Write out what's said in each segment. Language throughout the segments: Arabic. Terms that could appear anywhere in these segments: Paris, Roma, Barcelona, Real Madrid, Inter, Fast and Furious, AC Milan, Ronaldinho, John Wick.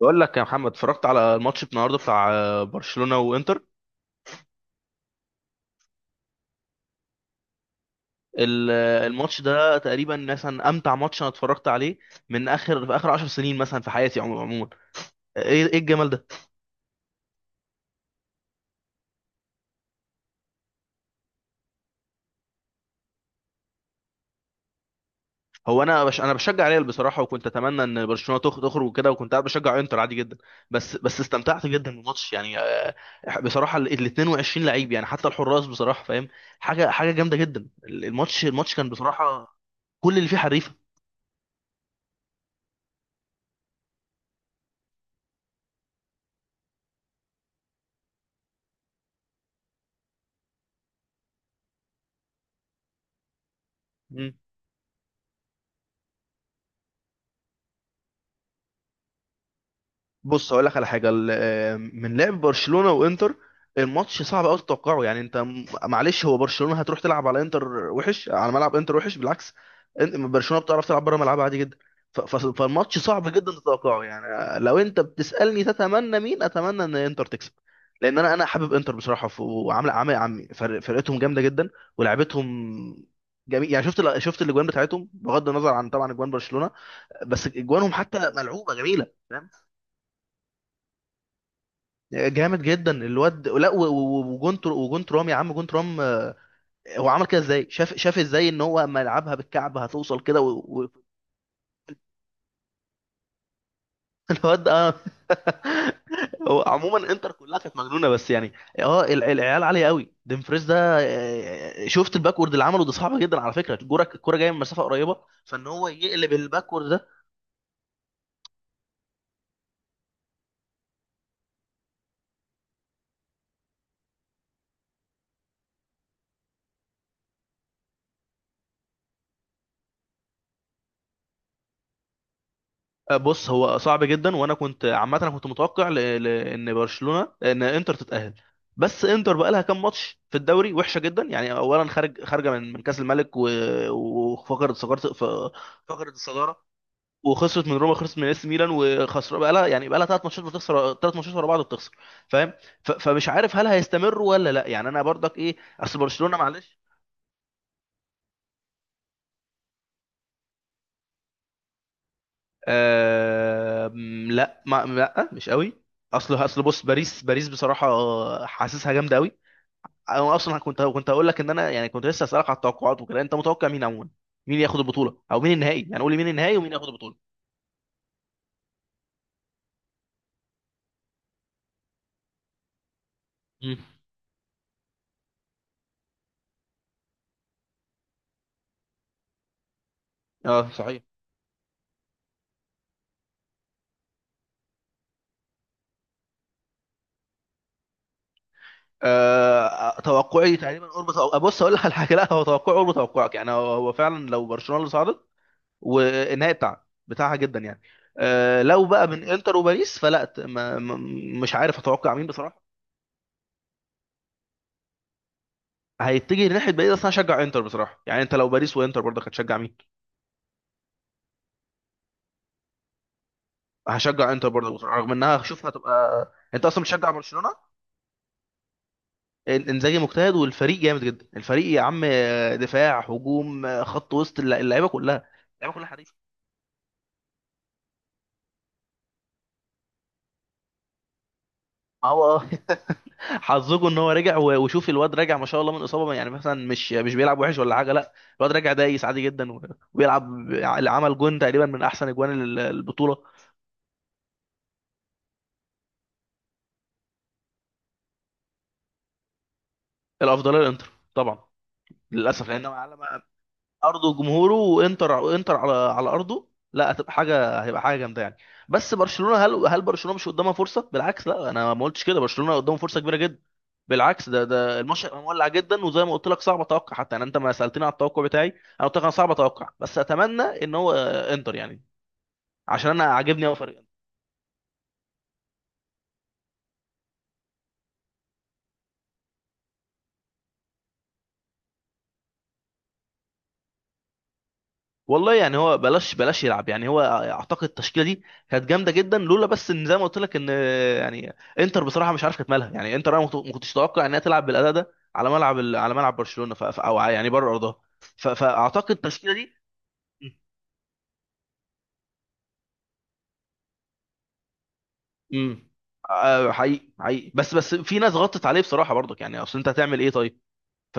بقول لك يا محمد، اتفرجت على الماتش النهارده بتاع برشلونة وانتر. الماتش ده تقريبا مثلا امتع ماتش انا اتفرجت عليه من اخر، في اخر 10 سنين مثلا في حياتي عموما. ايه ايه الجمال ده! هو انا بشجع ريال بصراحة، وكنت اتمنى ان برشلونة تخرج وكده، وكنت قاعد بشجع انتر عادي جدا. بس استمتعت جدا بالماتش يعني، بصراحة ال 22 لعيب، يعني حتى الحراس، بصراحة، فاهم؟ حاجة حاجة جامدة جدا. الماتش كان بصراحة كل اللي فيه حريفة. بص، هقول لك على حاجه. من لعب برشلونه وانتر الماتش صعب قوي تتوقعه. يعني انت، معلش، هو برشلونه هتروح تلعب على انتر وحش على ملعب انتر؟ وحش، بالعكس. برشلونه بتعرف تلعب بره ملعبها عادي جدا. فالماتش صعب جدا تتوقعه. يعني لو انت بتسالني تتمنى مين، اتمنى ان انتر تكسب. لان انا حابب انتر بصراحه، وعامله عامل عم فرقتهم جامده جدا ولعبتهم جميل. يعني شفت الاجوان بتاعتهم، بغض النظر عن طبعا اجوان برشلونه، بس اجوانهم حتى ملعوبه جميله، فاهم؟ جامد جدا الواد! لا، وجون ترام يا عم، جون ترام هو عمل كده ازاي! شاف ازاي ان هو اما يلعبها بالكعب هتوصل كده، الواد ده، اه. هو عموما انتر كلها كانت مجنونه، بس يعني. اه، العيال عاليه قوي. ديمفريز ده، شفت الباكورد اللي عمله ده؟ صعب جدا على فكره، الكوره جايه من مسافه قريبه، فان هو يقلب الباكورد ده! بص، هو صعب جدا، وانا كنت عامه انا كنت متوقع، ان انتر تتاهل. بس انتر بقى لها كام ماتش في الدوري وحشه جدا. يعني اولا خارجه من كاس الملك، وفقدت صدارة. فقدت الصداره، وخسرت من روما، خسرت من اس ميلان، وخسر بقى لها ثلاث ماتشات، بتخسر ثلاث ماتشات ورا بعض، بتخسر، فاهم؟ فمش عارف هل هيستمروا ولا لا. يعني انا برضك ايه، اصل برشلونه معلش. أم، لا، ما لا، مش قوي. اصل بص، باريس، باريس بصراحه حاسسها جامده قوي. انا اصلا كنت هقول لك ان انا، يعني كنت لسه اسالك على التوقعات وكده، انت متوقع مين عموما؟ مين ياخد البطوله، او مين النهائي؟ يعني قول لي مين النهائي ومين ياخد البطوله. مم. اه، صحيح. أه، توقعي تقريبا قرب بص، اقول لك على حاجه. لا، هو توقعي قرب توقعك، يعني هو فعلا لو برشلونه اللي صعدت والنهائي بتاعها، بتاعها جدا يعني. أه، لو بقى من انتر وباريس، فلا، مش عارف اتوقع مين بصراحه. هيتجه لناحيه، بعيد اصلا هشجع انتر بصراحه. يعني انت لو باريس وانتر برضك هتشجع مين؟ هشجع انتر برضك بصراحه، رغم انها هشوفها تبقى، انت اصلا بتشجع برشلونه. انزاجي مجتهد، والفريق جامد جدا، الفريق يا عم! دفاع، هجوم، خط وسط، اللعيبه كلها، اللعيبه كلها حديثه. ما هو، اه. حظكم ان هو رجع، وشوف الواد راجع ما شاء الله من اصابه، يعني مثلا مش بيلعب وحش ولا حاجه، لا. الواد راجع دايس عادي جدا، وبيلعب، عمل جون تقريبا من احسن اجوان البطوله. الافضليه للانتر، طبعا، للاسف، لانه على ارضه وجمهوره. وانتر على ارضه، لا، هتبقى حاجه هيبقى حاجه جامده يعني. بس برشلونه، هل برشلونه مش قدامها فرصه؟ بالعكس، لا انا ما قلتش كده، برشلونه قدامه فرصه كبيره جدا، بالعكس. ده الماتش هيبقى مولع جدا. وزي ما قلت لك صعب اتوقع حتى. يعني انت ما سالتني على التوقع بتاعي، انا قلت لك انا صعب اتوقع، بس اتمنى ان هو، انتر يعني، عشان انا عاجبني قوي. والله يعني، هو بلاش بلاش يلعب يعني. هو اعتقد التشكيله دي كانت جامده جدا، لولا بس ان زي ما قلت لك، ان يعني انتر بصراحه مش عارف كانت مالها. يعني انتر انا ما كنتش اتوقع انها تلعب بالاداء ده على على ملعب برشلونه، او يعني بره ارضها. فاعتقد التشكيله دي، امم حقيقي، حقيقي، بس في ناس غطت عليه بصراحه برضك. يعني اصل انت هتعمل ايه طيب؟ ف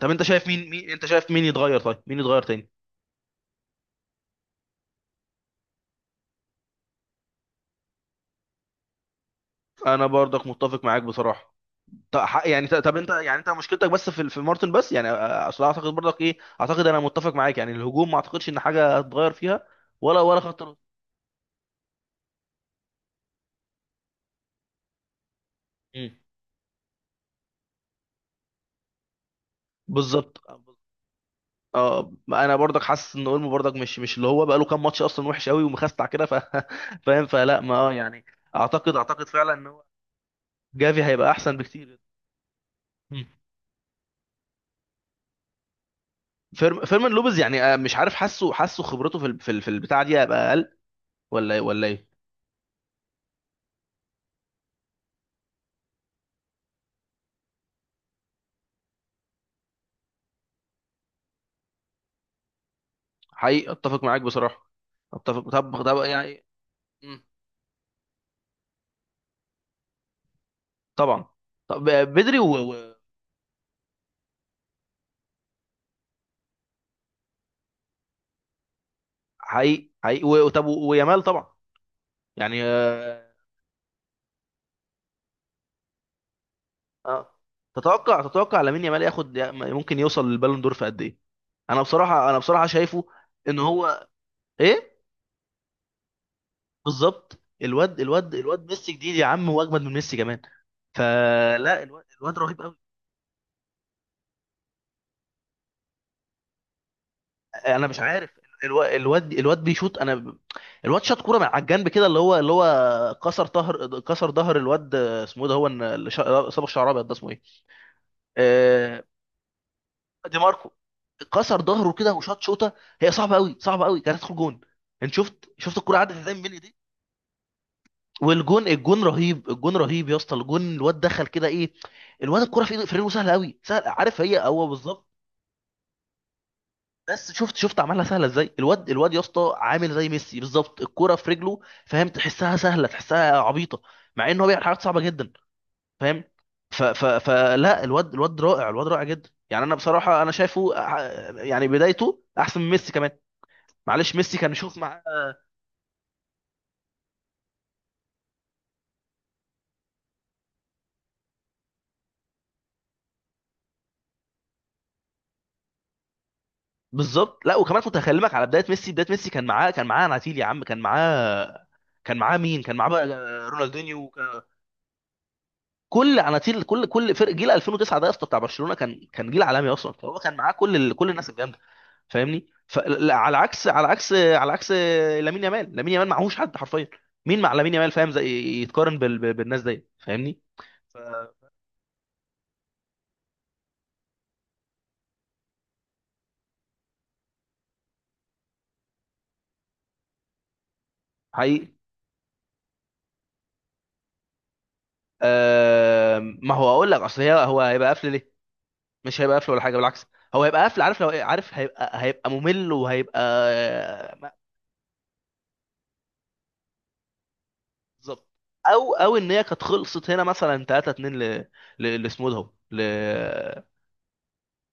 طب انت شايف مين يتغير؟ طيب مين يتغير تاني؟ انا برضك متفق معاك بصراحه. طب انت، يعني انت مشكلتك بس في مارتن بس يعني، اصل اعتقد برضك ايه. اعتقد انا متفق معاك، يعني الهجوم ما اعتقدش ان حاجه هتتغير فيها، ولا خط الوسط. مم. بالظبط. اه، انا برضك حاسس ان اولمو برضك مش اللي هو، بقى له كام ماتش اصلا وحش قوي، ومخستع كده، فاهم؟ فلا، ما اه يعني، اعتقد فعلا ان هو جافي هيبقى احسن بكتير. مم. فيرمان لوبيز يعني، مش عارف، حاسه خبرته في البتاعه دي هيبقى اقل، ولا ايه، ولا ايه؟ حقيقي، اتفق معاك بصراحه، اتفق. طب يعني، طبعا. طب، بدري حقيقي، حقيقي، طب، ويامال طبعا، يعني آه. تتوقع لامين يامال ياخد، ممكن يوصل للبالون دور في قد ايه؟ انا بصراحه شايفه ان هو، ايه، بالظبط، الواد ميسي جديد يا عم، واجمد من ميسي كمان. فلا، الواد رهيب قوي. انا مش عارف، الواد بيشوط. الواد شاط كوره من على الجنب كده، اللي هو كسر ظهر الواد، اسمه ايه ده؟ هو اللي صبغ شعر ابيض ده، اسمه ايه؟ آه، دي ماركو كسر ظهره كده وشاط شوطه. هي صعبه قوي، صعبه قوي، كانت تدخل جون. انت شفت الكرة عدت ازاي من بيني دي؟ والجون رهيب، الجون رهيب يا اسطى، الجون الواد دخل كده، ايه! الواد الكرة في ايده، في رجله، سهله قوي، سهل، عارف هي هو بالظبط. بس شفت عملها سهله ازاي، الواد يا اسطى عامل زي ميسي بالظبط، الكرة في رجله، فاهم؟ تحسها سهله، تحسها عبيطه، مع ان هو بيعمل حاجات صعبه جدا، فاهم؟ ف ف فلا، الواد رائع، الواد رائع جدا، يعني انا بصراحه انا شايفه، يعني بدايته احسن من ميسي كمان. معلش ميسي كان شوف معاه. بالظبط، لا وكمان كنت هكلمك على بدايه ميسي. كان معاه اناتيل يا عم، كان معاه، كان معاه مين؟ كان معاه بقى رونالدينيو. كل اناتيل، كل فرق جيل 2009 ده يا اسطى بتاع برشلونه كان جيل عالمي اصلا، فهو كان معاه كل الناس الجامده، فاهمني؟ فعلى عكس، على عكس على عكس لامين يامال معهوش حد حرفيا. مين مع لامين يامال، فاهم؟ زي، يتقارن بالناس دي، فاهمني؟ ف حقيقي. ما هو اقول لك، اصل هو هيبقى قفل ليه؟ مش هيبقى قفل ولا حاجه، بالعكس. هو هيبقى قفل عارف لو إيه؟ عارف هيبقى ممل، وهيبقى ما- بالظبط. او ان هي كانت خلصت هنا مثلا 3-2 لاسمه ده، هو،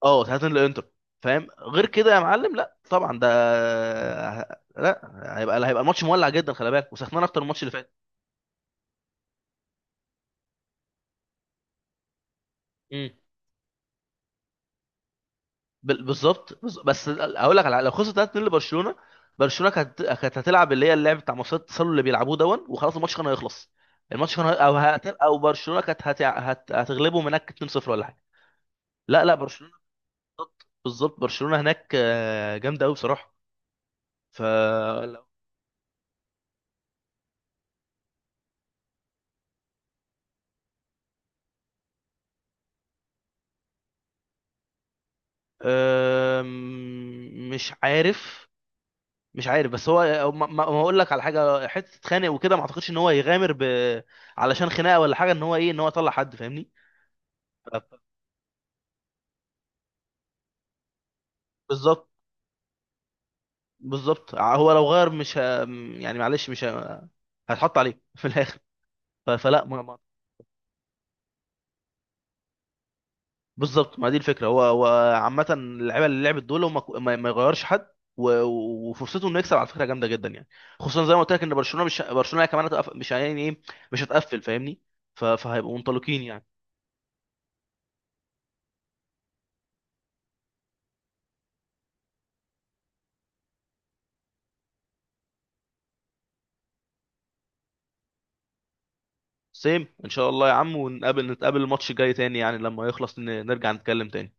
اه، 3-2 لانتر، فاهم غير كده يا معلم؟ لا طبعا، ده لا، هيبقى ماتش مولع جدا، خلي بالك، وسخنان اكتر من الماتش اللي فات. بالظبط، بس هقول لك على حاجة، لو خسر 3-2 لبرشلونه، برشلونه كانت هتلعب اللي هي اللعب بتاع مصيدة التسلل اللي بيلعبوه دون، وخلاص الماتش كان هيخلص. الماتش كان او برشلونه كانت هتغلبهم هناك 2-0 ولا حاجه. لا، لا، برشلونه، بالظبط، بالظبط، برشلونه هناك جامده قوي بصراحه. ف لو- مش عارف، مش عارف. بس هو ما هقول لك على حاجه، حته اتخانق وكده ما اعتقدش ان هو يغامر علشان خناقه ولا حاجه، ان هو يطلع حد، فاهمني؟ ف- بالظبط، بالظبط، هو لو غير مش يعني معلش، مش هتحط عليه في الاخر، فلا ما... ما... بالظبط، ما دي الفكره. هو عامه اللعيبه اللي لعبت دول، هو ما يغيرش حد، وفرصته انه يكسب على فكره جامده جدا يعني، خصوصا زي ما قلت لك ان برشلونه، مش برشلونه كمان مش، يعني ايه، مش هتقفل، فاهمني؟ فهيبقوا منطلقين يعني. سيم ان شاء الله يا عم، نتقابل الماتش الجاي تاني، يعني لما يخلص نرجع نتكلم تاني.